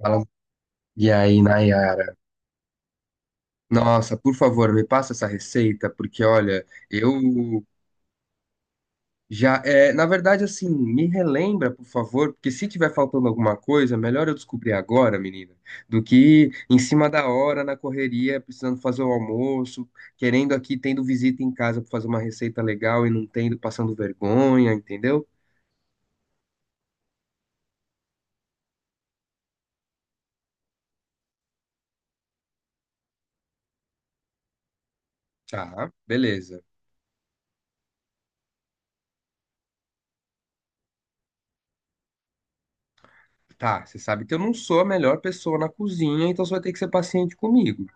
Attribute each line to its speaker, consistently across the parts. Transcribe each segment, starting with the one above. Speaker 1: Fala. E aí, Nayara? Nossa, por favor, me passa essa receita, porque olha, eu já. É, na verdade, assim, me relembra, por favor, porque se tiver faltando alguma coisa, melhor eu descobrir agora, menina, do que em cima da hora, na correria, precisando fazer o almoço, querendo aqui, tendo visita em casa para fazer uma receita legal e não tendo, passando vergonha, entendeu? Tá, beleza. Tá, você sabe que eu não sou a melhor pessoa na cozinha, então você vai ter que ser paciente comigo.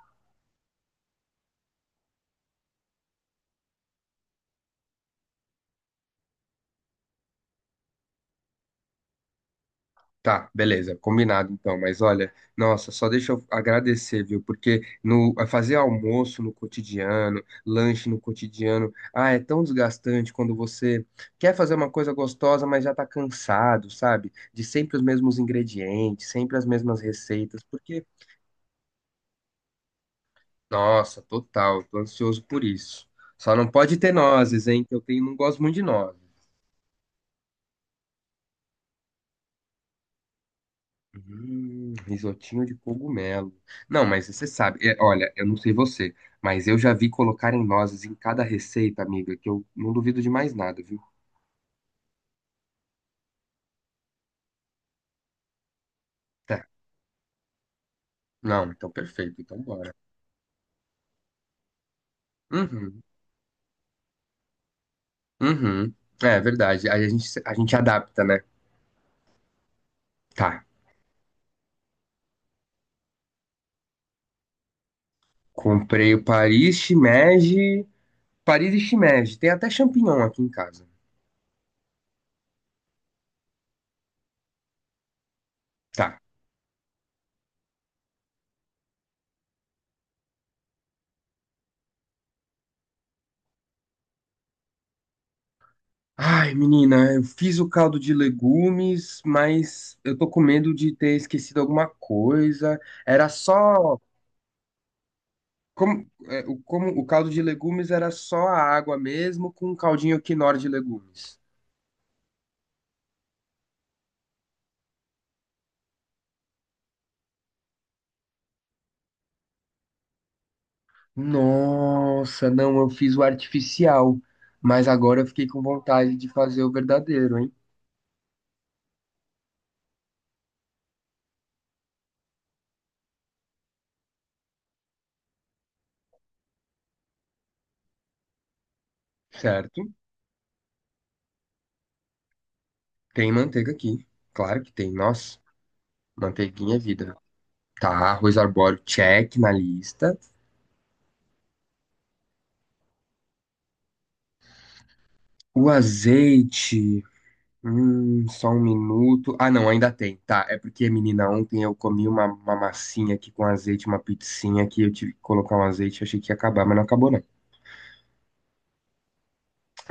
Speaker 1: Tá, beleza, combinado então. Mas olha, nossa, só deixa eu agradecer, viu? Porque no é fazer almoço no cotidiano, lanche no cotidiano, ah, é tão desgastante quando você quer fazer uma coisa gostosa, mas já tá cansado, sabe? De sempre os mesmos ingredientes, sempre as mesmas receitas, porque, nossa, total, tô ansioso por isso. Só não pode ter nozes, hein? Que eu tenho, não gosto muito de nozes. Risotinho de cogumelo. Não, mas você sabe, é, olha, eu não sei você, mas eu já vi colocarem nozes em cada receita, amiga, que eu não duvido de mais nada, viu? Tá. Não, então perfeito, então bora. Uhum, uhum. É verdade, aí a gente adapta, né? Tá. Comprei o Paris shimeji, Paris e shimeji, tem até champignon aqui em casa. Tá. Ai, menina, eu fiz o caldo de legumes, mas eu tô com medo de ter esquecido alguma coisa. Era só. Como o caldo de legumes era só a água mesmo, com um caldinho Knorr de legumes. Nossa, não, eu fiz o artificial, mas agora eu fiquei com vontade de fazer o verdadeiro, hein? Certo? Tem manteiga aqui, claro que tem. Nossa, manteiguinha é vida. Tá, arroz arbóreo, check na lista. O azeite. Só um minuto. Ah, não, ainda tem. Tá, é porque, menina, ontem eu comi uma massinha aqui com azeite, uma pizzinha que eu tive que colocar um azeite, achei que ia acabar, mas não acabou, não.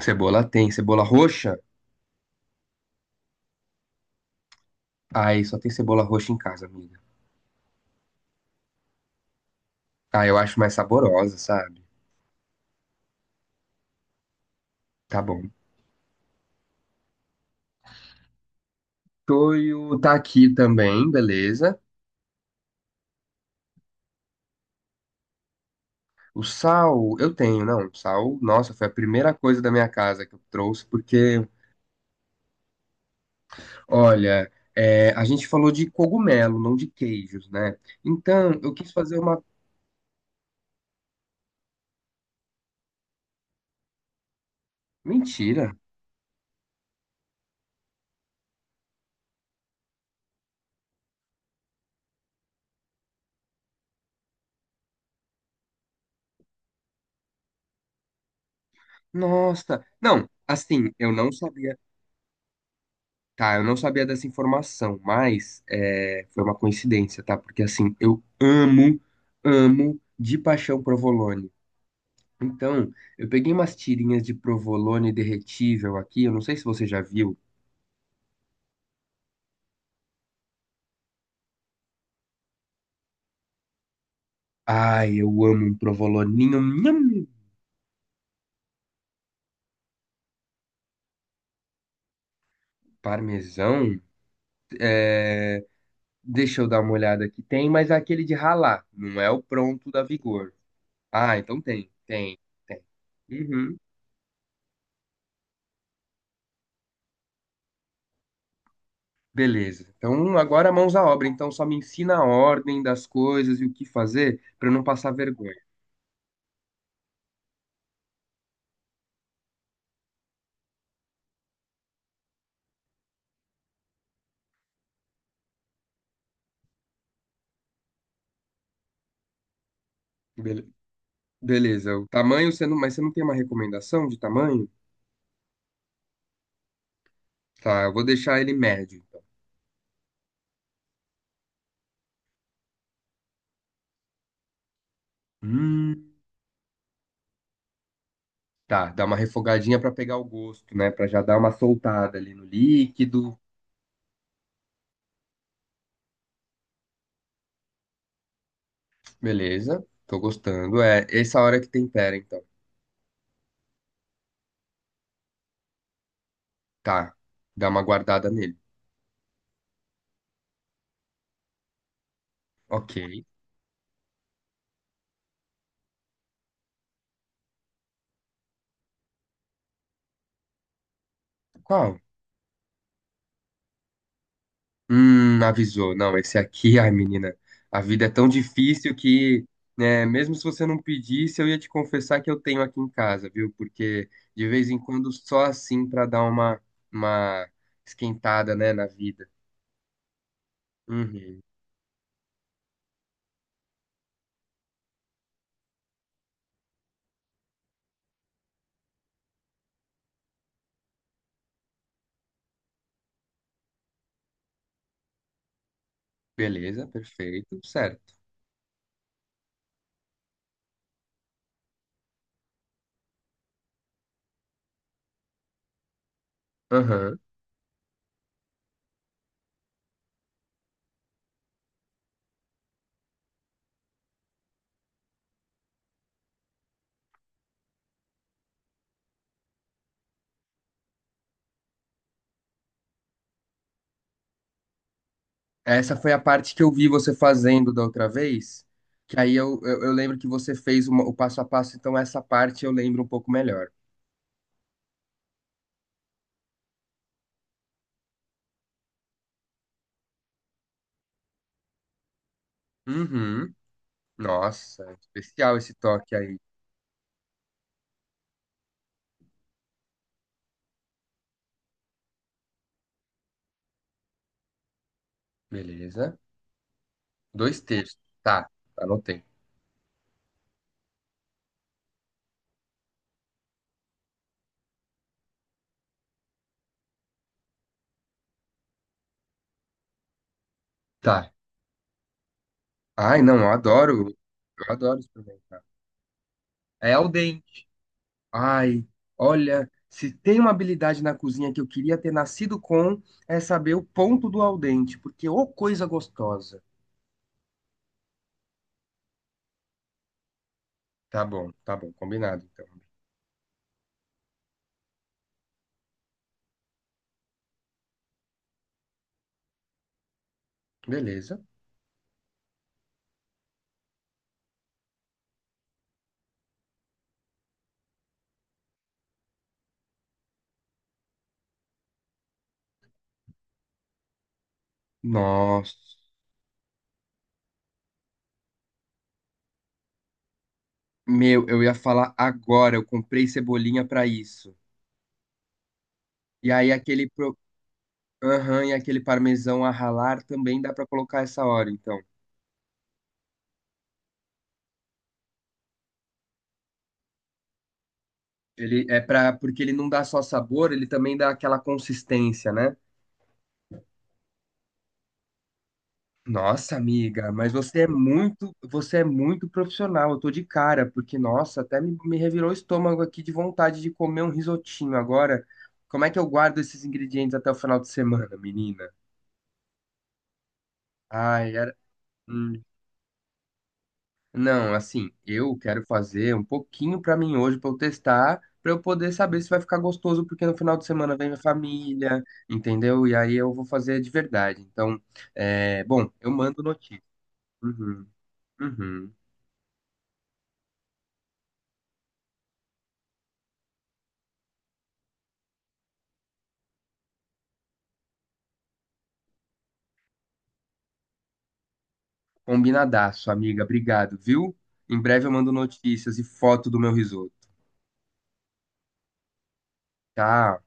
Speaker 1: Cebola tem. Cebola roxa? Ai, só tem cebola roxa em casa, amiga. Ah, eu acho mais saborosa, sabe? Tá bom. Toio tá aqui também, beleza. O sal, eu tenho, não. Sal, nossa, foi a primeira coisa da minha casa que eu trouxe, porque olha, é, a gente falou de cogumelo, não de queijos, né? Então, eu quis fazer uma. Mentira! Nossa! Não, assim, eu não sabia. Tá, eu não sabia dessa informação, mas é, foi uma coincidência, tá? Porque, assim, eu amo, amo de paixão provolone. Então, eu peguei umas tirinhas de provolone derretível aqui, eu não sei se você já viu. Ai, eu amo um provoloninho, nham, parmesão. É. Deixa eu dar uma olhada aqui. Tem, mas é aquele de ralar, não é o pronto da Vigor. Ah, então tem, tem, tem. Uhum. Beleza. Então agora mãos à obra. Então só me ensina a ordem das coisas e o que fazer para eu não passar vergonha. Bele- Beleza. O tamanho, você não... mas você não tem uma recomendação de tamanho? Tá, eu vou deixar ele médio, então. Hum, tá, dá uma refogadinha para pegar o gosto, né? Para já dar uma soltada ali no líquido. Beleza. Tô gostando. É essa hora que tempera, então. Tá. Dá uma guardada nele. Ok. Qual? Avisou. Não, esse aqui, ai, menina, a vida é tão difícil que, né, mesmo se você não pedisse, eu ia te confessar que eu tenho aqui em casa, viu? Porque de vez em quando só assim pra dar uma esquentada, né, na vida. Uhum. Beleza, perfeito, certo. Aham. Essa foi a parte que eu vi você fazendo da outra vez, que aí eu lembro que o passo a passo, então essa parte eu lembro um pouco melhor. Uhum. Nossa, especial esse toque aí. Beleza. Dois textos Tá, anotei. Tá. Ai, não, eu adoro. Eu adoro isso também. É ao dente. Ai, olha, se tem uma habilidade na cozinha que eu queria ter nascido com, é saber o ponto do al dente, porque ô coisa gostosa. Tá bom, combinado então. Beleza. Nossa. Meu, eu ia falar agora, eu comprei cebolinha pra isso. E aí aquele Aham, e aquele parmesão a ralar também dá pra colocar essa hora, então. Ele é para porque ele não dá só sabor, ele também dá aquela consistência, né? Nossa, amiga, mas você é muito profissional. Eu tô de cara, porque nossa, até me revirou o estômago aqui de vontade de comer um risotinho agora. Como é que eu guardo esses ingredientes até o final de semana, menina? Ai, era, hum. Não, assim, eu quero fazer um pouquinho pra mim hoje pra eu testar, pra eu poder saber se vai ficar gostoso, porque no final de semana vem minha família, entendeu? E aí eu vou fazer de verdade. Então, é, bom, eu mando notícia. Uhum, uhum. Combinadaço, amiga. Obrigado, viu? Em breve eu mando notícias e foto do meu risoto. Tchau.